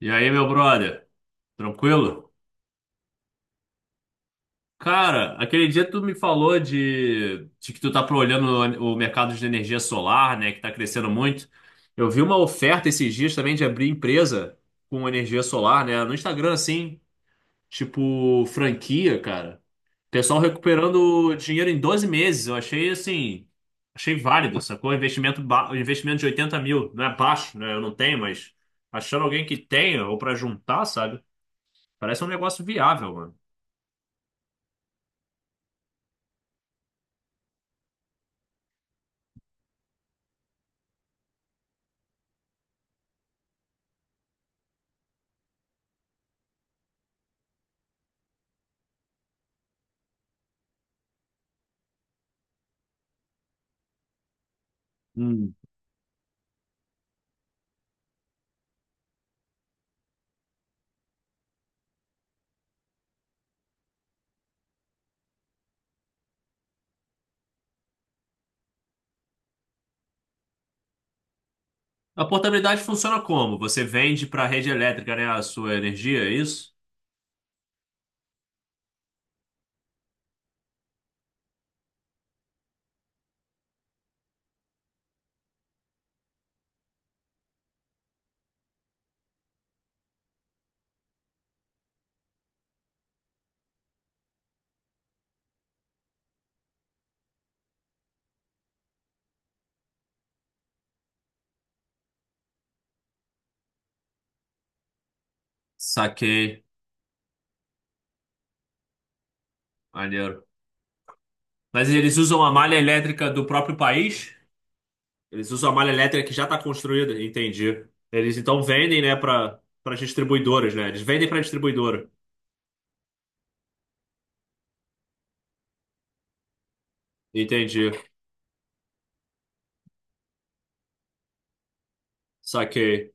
E aí, meu brother? Tranquilo? Cara, aquele dia tu me falou de que tu tá olhando o mercado de energia solar, né, que tá crescendo muito. Eu vi uma oferta esses dias também de abrir empresa com energia solar, né, no Instagram, assim, tipo franquia, cara. Pessoal recuperando dinheiro em 12 meses. Eu achei, assim, achei válido, sacou? Investimento, investimento de 80 mil. Não é baixo, né? Eu não tenho, mas achando alguém que tenha ou pra juntar, sabe? Parece um negócio viável, mano. Hum. A portabilidade funciona como? Você vende para a rede elétrica, né, a sua energia, é isso? Saquei, maneiro. Mas eles usam a malha elétrica do próprio país? Eles usam a malha elétrica que já está construída, entendi. Eles então vendem, né, para distribuidoras, né? Eles vendem para distribuidora. Entendi. Saquei.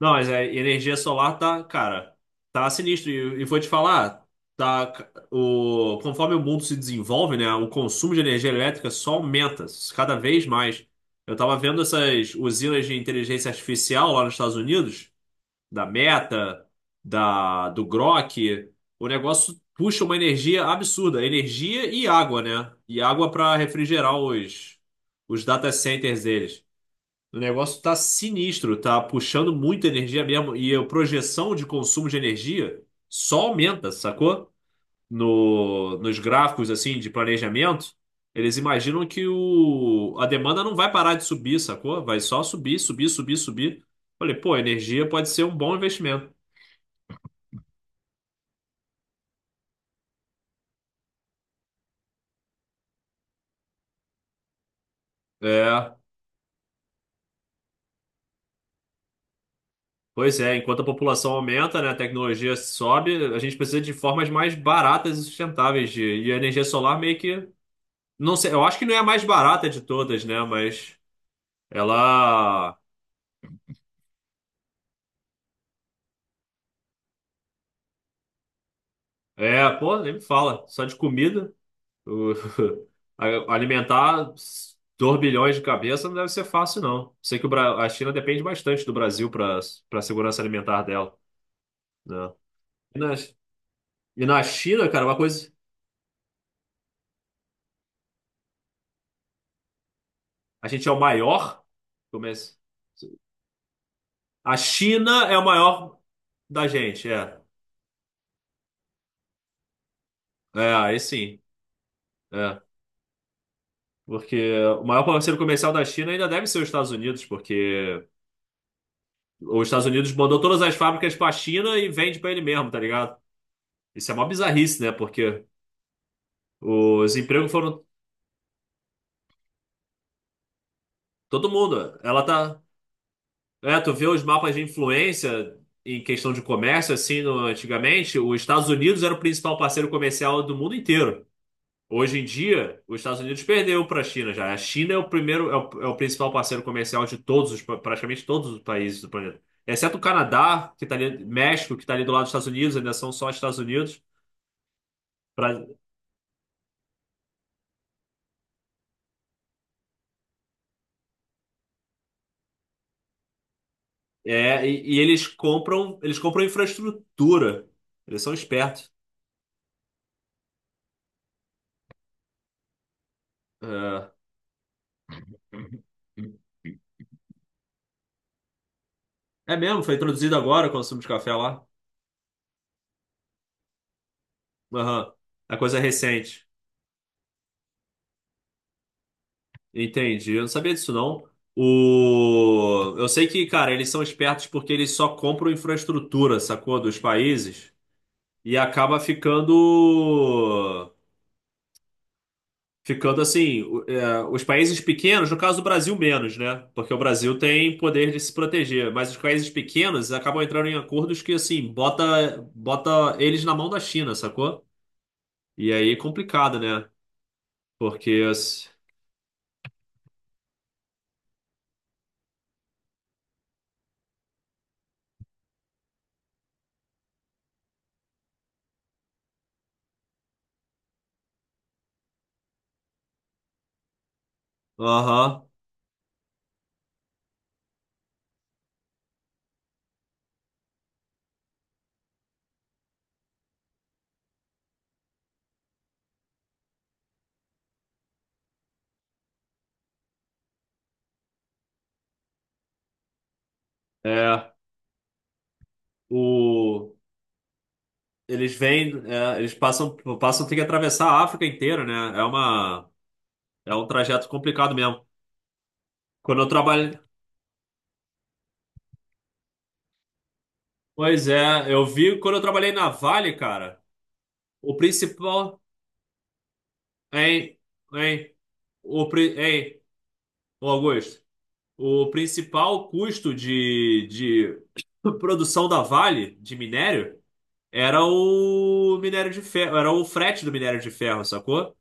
Não, mas a energia solar tá, cara, tá sinistro. E vou te falar, tá, o, conforme o mundo se desenvolve, né, o consumo de energia elétrica só aumenta cada vez mais. Eu tava vendo essas usinas de inteligência artificial lá nos Estados Unidos, da Meta, do Grok. O negócio puxa uma energia absurda, energia e água, né? E água para refrigerar os data centers deles. O negócio tá sinistro, tá puxando muita energia mesmo. E a projeção de consumo de energia só aumenta, sacou? No, nos gráficos assim de planejamento, eles imaginam que a demanda não vai parar de subir, sacou? Vai só subir, subir, subir, subir. Falei, pô, energia pode ser um bom investimento. É, pois é, enquanto a população aumenta, né, a tecnologia sobe, a gente precisa de formas mais baratas e sustentáveis de, e a energia solar meio que não sei, eu acho que não é a mais barata de todas, né? Mas ela. É, pô, nem me fala. Só de comida. o- Alimentar 2 bilhões de cabeça não deve ser fácil, não. Sei que o a China depende bastante do Brasil para a segurança alimentar dela, né? E na... e na China, cara, uma coisa. A gente é o maior. Como é esse? A China é o maior da gente, é. É, aí sim. É. Porque o maior parceiro comercial da China ainda deve ser os Estados Unidos, porque os Estados Unidos mandou todas as fábricas para a China e vende para ele mesmo, tá ligado? Isso é uma bizarrice, né? Porque os empregos foram todo mundo. Ela tá, é, tu vê os mapas de influência em questão de comércio assim, antigamente, os Estados Unidos era o principal parceiro comercial do mundo inteiro. Hoje em dia, os Estados Unidos perdeu para a China já. A China é o primeiro, é o, é o principal parceiro comercial de todos os, praticamente todos os países do planeta. Exceto o Canadá, que está ali, México, que está ali do lado dos Estados Unidos, ainda são só Estados Unidos. Pra- é, e eles compram infraestrutura. Eles são espertos. É, é mesmo, foi introduzido agora o consumo de café lá. Aham. É coisa é recente. Entendi. Eu não sabia disso, não. O... Eu sei que, cara, eles são espertos porque eles só compram infraestrutura, sacou? Dos países. E acaba ficando. Ficando assim. É, os países pequenos, no caso do Brasil, menos, né? Porque o Brasil tem poder de se proteger. Mas os países pequenos acabam entrando em acordos que, assim, bota, bota eles na mão da China, sacou? E aí é complicado, né? Porque, assim, aham. É. O. Eles vêm, é, eles passam, tem que atravessar a África inteira, né? É uma, é um trajeto complicado mesmo. Quando eu trabalhei, pois é, eu vi quando eu trabalhei na Vale, cara, o principal, hein, hein, o, pri- hein, ô Augusto, o principal custo de produção da Vale de minério era o minério de ferro, era o frete do minério de ferro, sacou?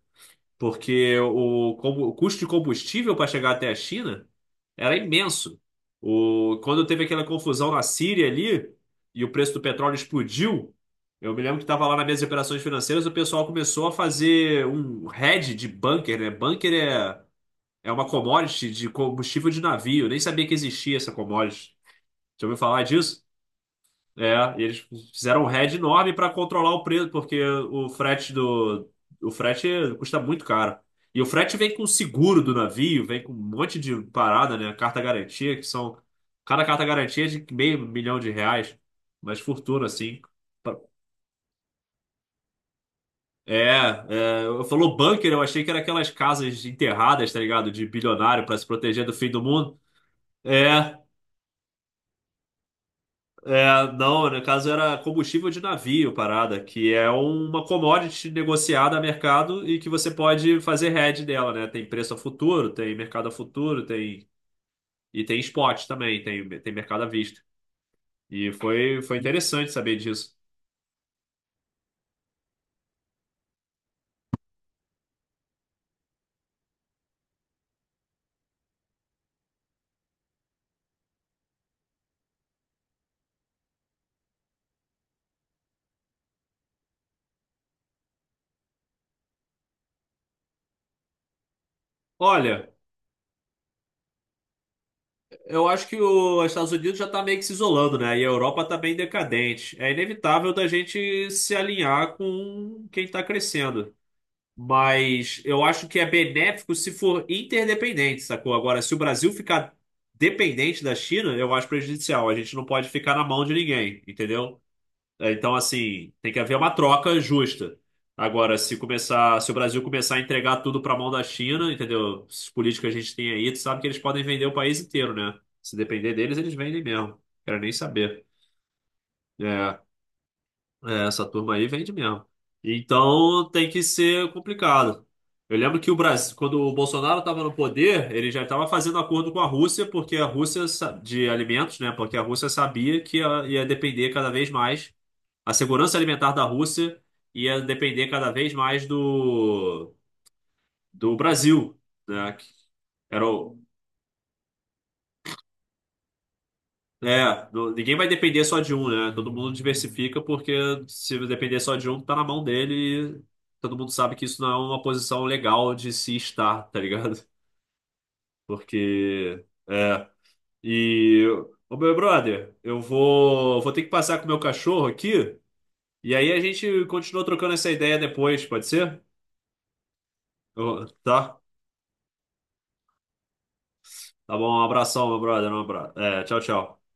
Porque o, o custo de combustível para chegar até a China era imenso. O, quando teve aquela confusão na Síria ali e o preço do petróleo explodiu, eu me lembro que estava lá na mesa de operações financeiras, o pessoal começou a fazer um hedge de bunker, né? Bunker é, é uma commodity de combustível de navio, eu nem sabia que existia essa commodity. Já ouviu falar disso? É, e eles fizeram um head enorme para controlar o preço, porque o frete do o frete custa muito caro. E o frete vem com o seguro do navio, vem com um monte de parada, né? Carta garantia, que são cada carta garantia é de meio milhão de reais, mas fortuna assim. É, eu falou bunker, eu achei que era aquelas casas enterradas, tá ligado? De bilionário para se proteger do fim do mundo. É, é, não, no caso era combustível de navio, parada, que é uma commodity negociada a mercado e que você pode fazer hedge dela, né? Tem preço a futuro, tem mercado a futuro, tem e tem spot também, tem, tem mercado à vista. E foi, foi interessante saber disso. Olha, eu acho que os Estados Unidos já está meio que se isolando, né? E a Europa está bem decadente. É inevitável da gente se alinhar com quem está crescendo. Mas eu acho que é benéfico se for interdependente, sacou? Agora, se o Brasil ficar dependente da China, eu acho prejudicial. A gente não pode ficar na mão de ninguém, entendeu? É, então, assim, tem que haver uma troca justa. Agora, se começar, se o Brasil começar a entregar tudo para a mão da China, entendeu? Esses políticos que a gente tem aí, tu sabe que eles podem vender o país inteiro, né? Se depender deles, eles vendem mesmo. Quero nem saber. É. É, essa turma aí vende mesmo. Então tem que ser complicado. Eu lembro que o Brasil, quando o Bolsonaro estava no poder, ele já estava fazendo acordo com a Rússia, porque a Rússia de alimentos, né? Porque a Rússia sabia que ia, ia depender cada vez mais, a segurança alimentar da Rússia ia depender cada vez mais do, do Brasil, né? Que era o, é, ninguém vai depender só de um, né? Todo mundo diversifica porque se depender só de um, tá na mão dele e todo mundo sabe que isso não é uma posição legal de se estar, tá ligado? Porque, é, e, ô meu brother, vou ter que passar com o meu cachorro aqui e aí a gente continua trocando essa ideia depois, pode ser? Tá? Tá bom, um abração, meu brother, é, tchau, tchau.